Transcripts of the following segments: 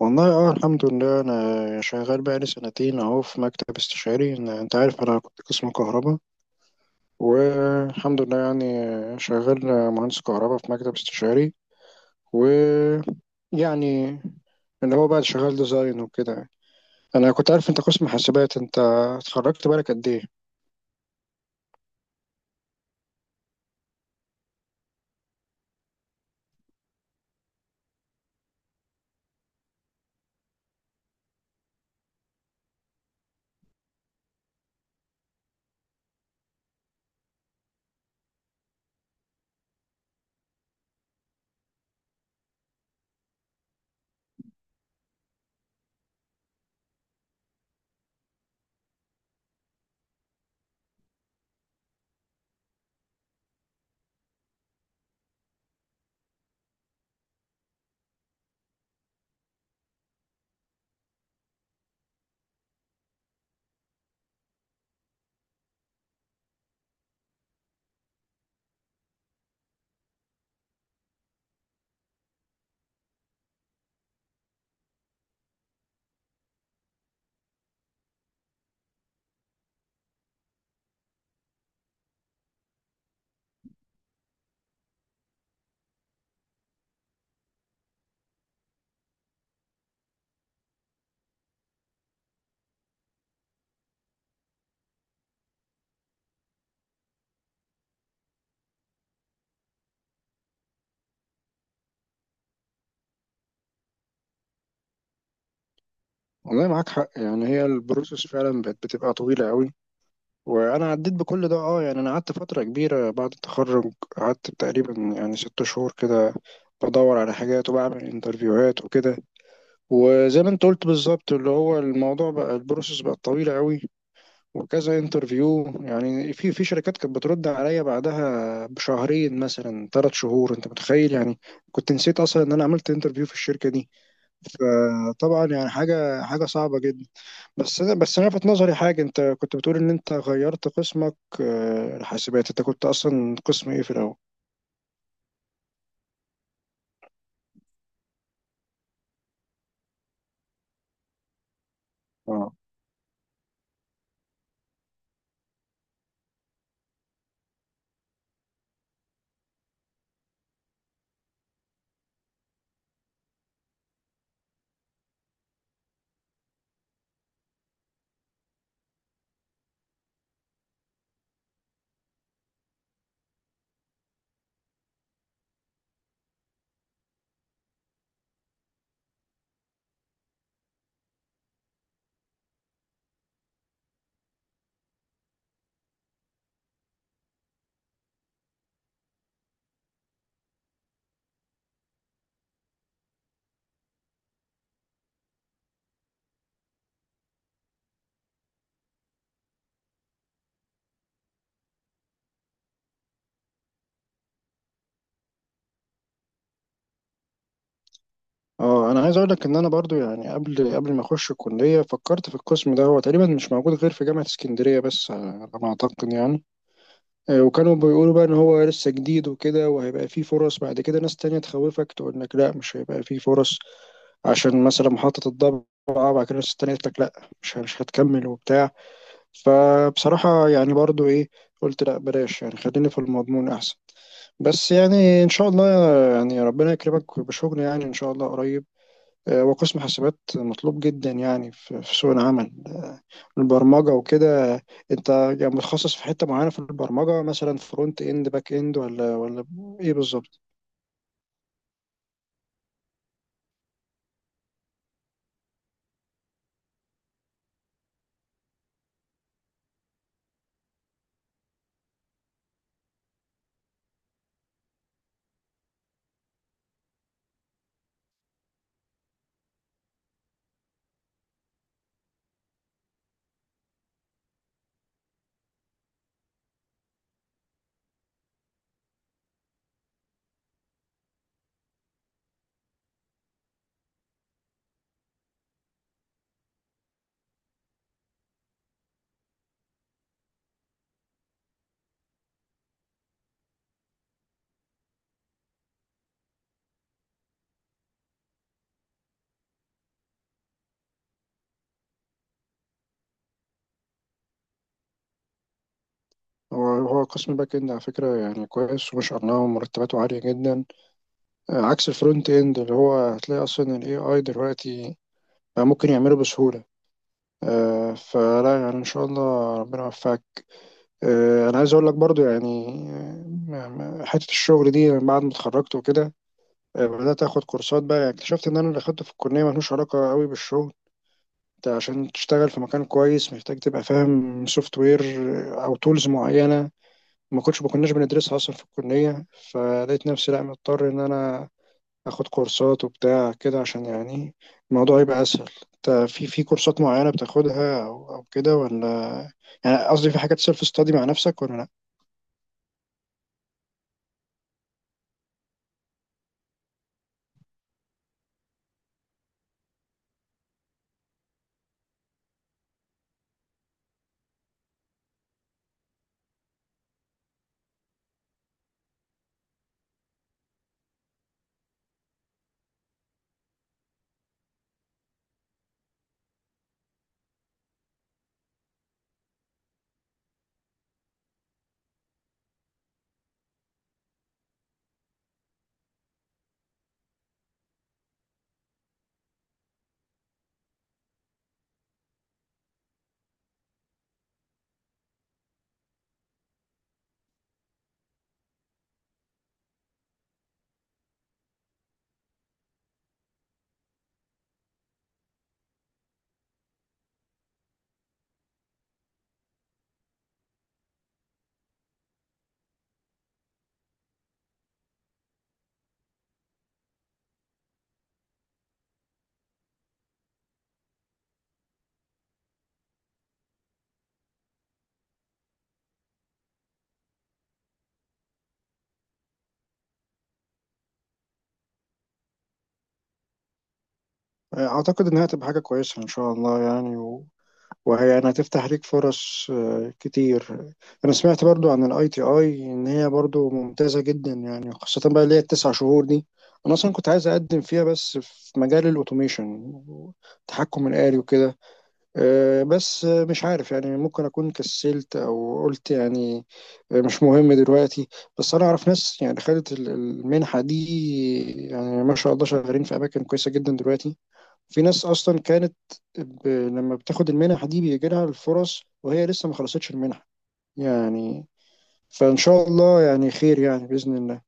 والله. اه الحمد لله، انا شغال بقالي 2 سنين اهو في مكتب استشاري. انت عارف انا كنت قسم كهرباء، والحمد لله يعني. شغال مهندس كهرباء في مكتب استشاري، ويعني اللي هو بقى شغال ديزاين وكده. انا كنت عارف انت قسم حاسبات. انت اتخرجت بالك قد ايه؟ والله معاك حق. يعني هي البروسيس فعلا بتبقى طويلة قوي، وانا عديت بكل ده. اه يعني انا قعدت فتره كبيره بعد التخرج، قعدت تقريبا يعني 6 شهور كده بدور على حاجات وبعمل انترفيوهات وكده. وزي ما انت قلت بالظبط، اللي هو الموضوع بقى البروسيس بقت طويله قوي، وكذا انترفيو يعني. في شركات كانت بترد عليا بعدها بشهرين مثلا 3 شهور، انت متخيل؟ يعني كنت نسيت اصلا ان انا عملت انترفيو في الشركه دي. فطبعا يعني حاجه صعبه جدا. بس انا لفت نظري حاجه، انت كنت بتقول ان انت غيرت قسمك. آه، الحاسبات، انت كنت اصلا قسم ايه في الاول؟ اه اه انا عايز اقول لك ان انا برضو يعني، قبل ما اخش الكليه فكرت في القسم ده. هو تقريبا مش موجود غير في جامعه اسكندريه بس، على ما اعتقد يعني. وكانوا بيقولوا بقى ان هو لسه جديد وكده وهيبقى فيه فرص بعد كده. ناس تانية تخوفك تقول لك لا مش هيبقى فيه فرص، عشان مثلا محطه الضبعه بعد كده. ناس تانية تقول لك لا مش هتكمل وبتاع. فبصراحة يعني برضو ايه، قلت لا بلاش، يعني خليني في المضمون احسن. بس يعني ان شاء الله، يعني ربنا يكرمك بشغل يعني ان شاء الله قريب. آه، وقسم حاسبات مطلوب جدا يعني في سوق العمل، البرمجة وكده. انت يعني متخصص في حتة معينة في البرمجة، مثلا فرونت اند باك اند ولا ايه بالظبط؟ هو قسم باك اند على فكرة يعني كويس وما شاء الله، ومرتباته عالية جدا. آه، عكس الفرونت اند، اللي هو هتلاقي اصلا الاي اي دلوقتي بقى ممكن يعمله بسهولة. آه، فلا يعني ان شاء الله ربنا يوفقك. انا عايز اقول لك برضو يعني، حته الشغل دي من بعد ما اتخرجت وكده، بدات اخد كورسات بقى. يعني اكتشفت ان انا اللي اخدته في الكليه ملوش علاقه قوي بالشغل. انت عشان تشتغل في مكان كويس محتاج تبقى فاهم سوفت وير او تولز معينه، ما كناش بندرسها اصلا في الكليه. فلقيت نفسي لا مضطر ان انا اخد كورسات وبتاع كده عشان يعني الموضوع يبقى اسهل. انت في كورسات معينة بتاخدها او كده ولا، يعني قصدي في حاجات سيلف ستادي مع نفسك ولا لا؟ اعتقد انها هتبقى حاجة كويسة ان شاء الله يعني، وهي يعني هتفتح ليك فرص آه، كتير. انا سمعت برضو عن الاي تي اي ان هي برضو ممتازة جدا يعني، خاصة بقى اللي هي التسع شهور دي. انا اصلا كنت عايز اقدم فيها بس في مجال الاوتوميشن، التحكم الآلي وكده. آه، بس آه، مش عارف يعني، ممكن أكون كسلت أو قلت يعني آه، مش مهم دلوقتي. بس أنا أعرف ناس يعني خدت المنحة دي، يعني ما شاء الله شغالين في أماكن كويسة جدا دلوقتي. في ناس أصلا كانت لما بتاخد المنح دي بيجي لها الفرص وهي لسه ما خلصتش المنحة يعني. فإن شاء الله يعني خير يعني بإذن الله.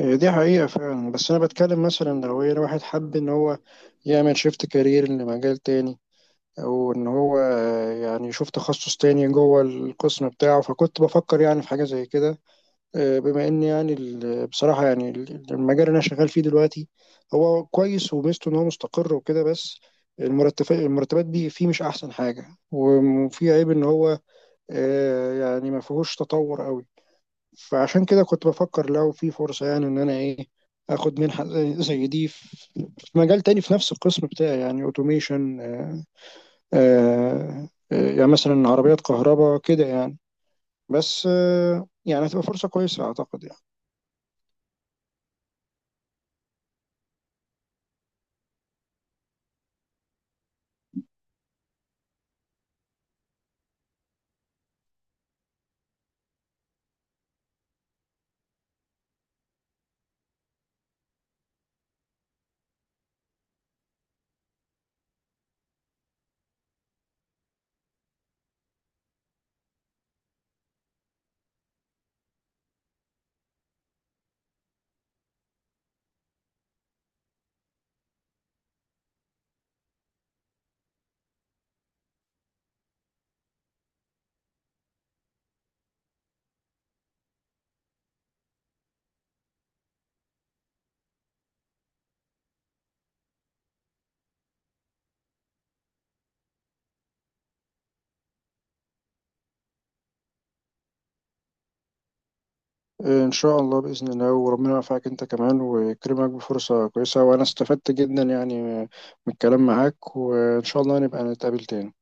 آه، دي حقيقة فعلا. بس أنا بتكلم مثلا لو هي واحد حب إن هو يعمل شيفت كارير لمجال تاني، وان هو يعني يشوف تخصص تاني جوه القسم بتاعه. فكنت بفكر يعني في حاجة زي كده. آه، بما ان يعني بصراحة يعني المجال اللي انا شغال فيه دلوقتي هو كويس وميزته ان هو مستقر وكده، بس المرتبات دي فيه مش احسن حاجة، وفيه عيب ان هو آه، يعني ما فيهوش تطور قوي. فعشان كده كنت بفكر لو في فرصة يعني ان انا ايه، اخد منحة زي دي في مجال تاني في نفس القسم بتاعي، يعني اوتوميشن، يعني مثلا عربيات كهرباء كده يعني. بس آه، يعني هتبقى فرصة كويسة أعتقد يعني. آه، إن شاء الله بإذن الله، وربنا يوفقك أنت كمان ويكرمك بفرصة كويسة. وأنا استفدت جدا يعني من الكلام معاك، وإن شاء الله نبقى نتقابل تاني.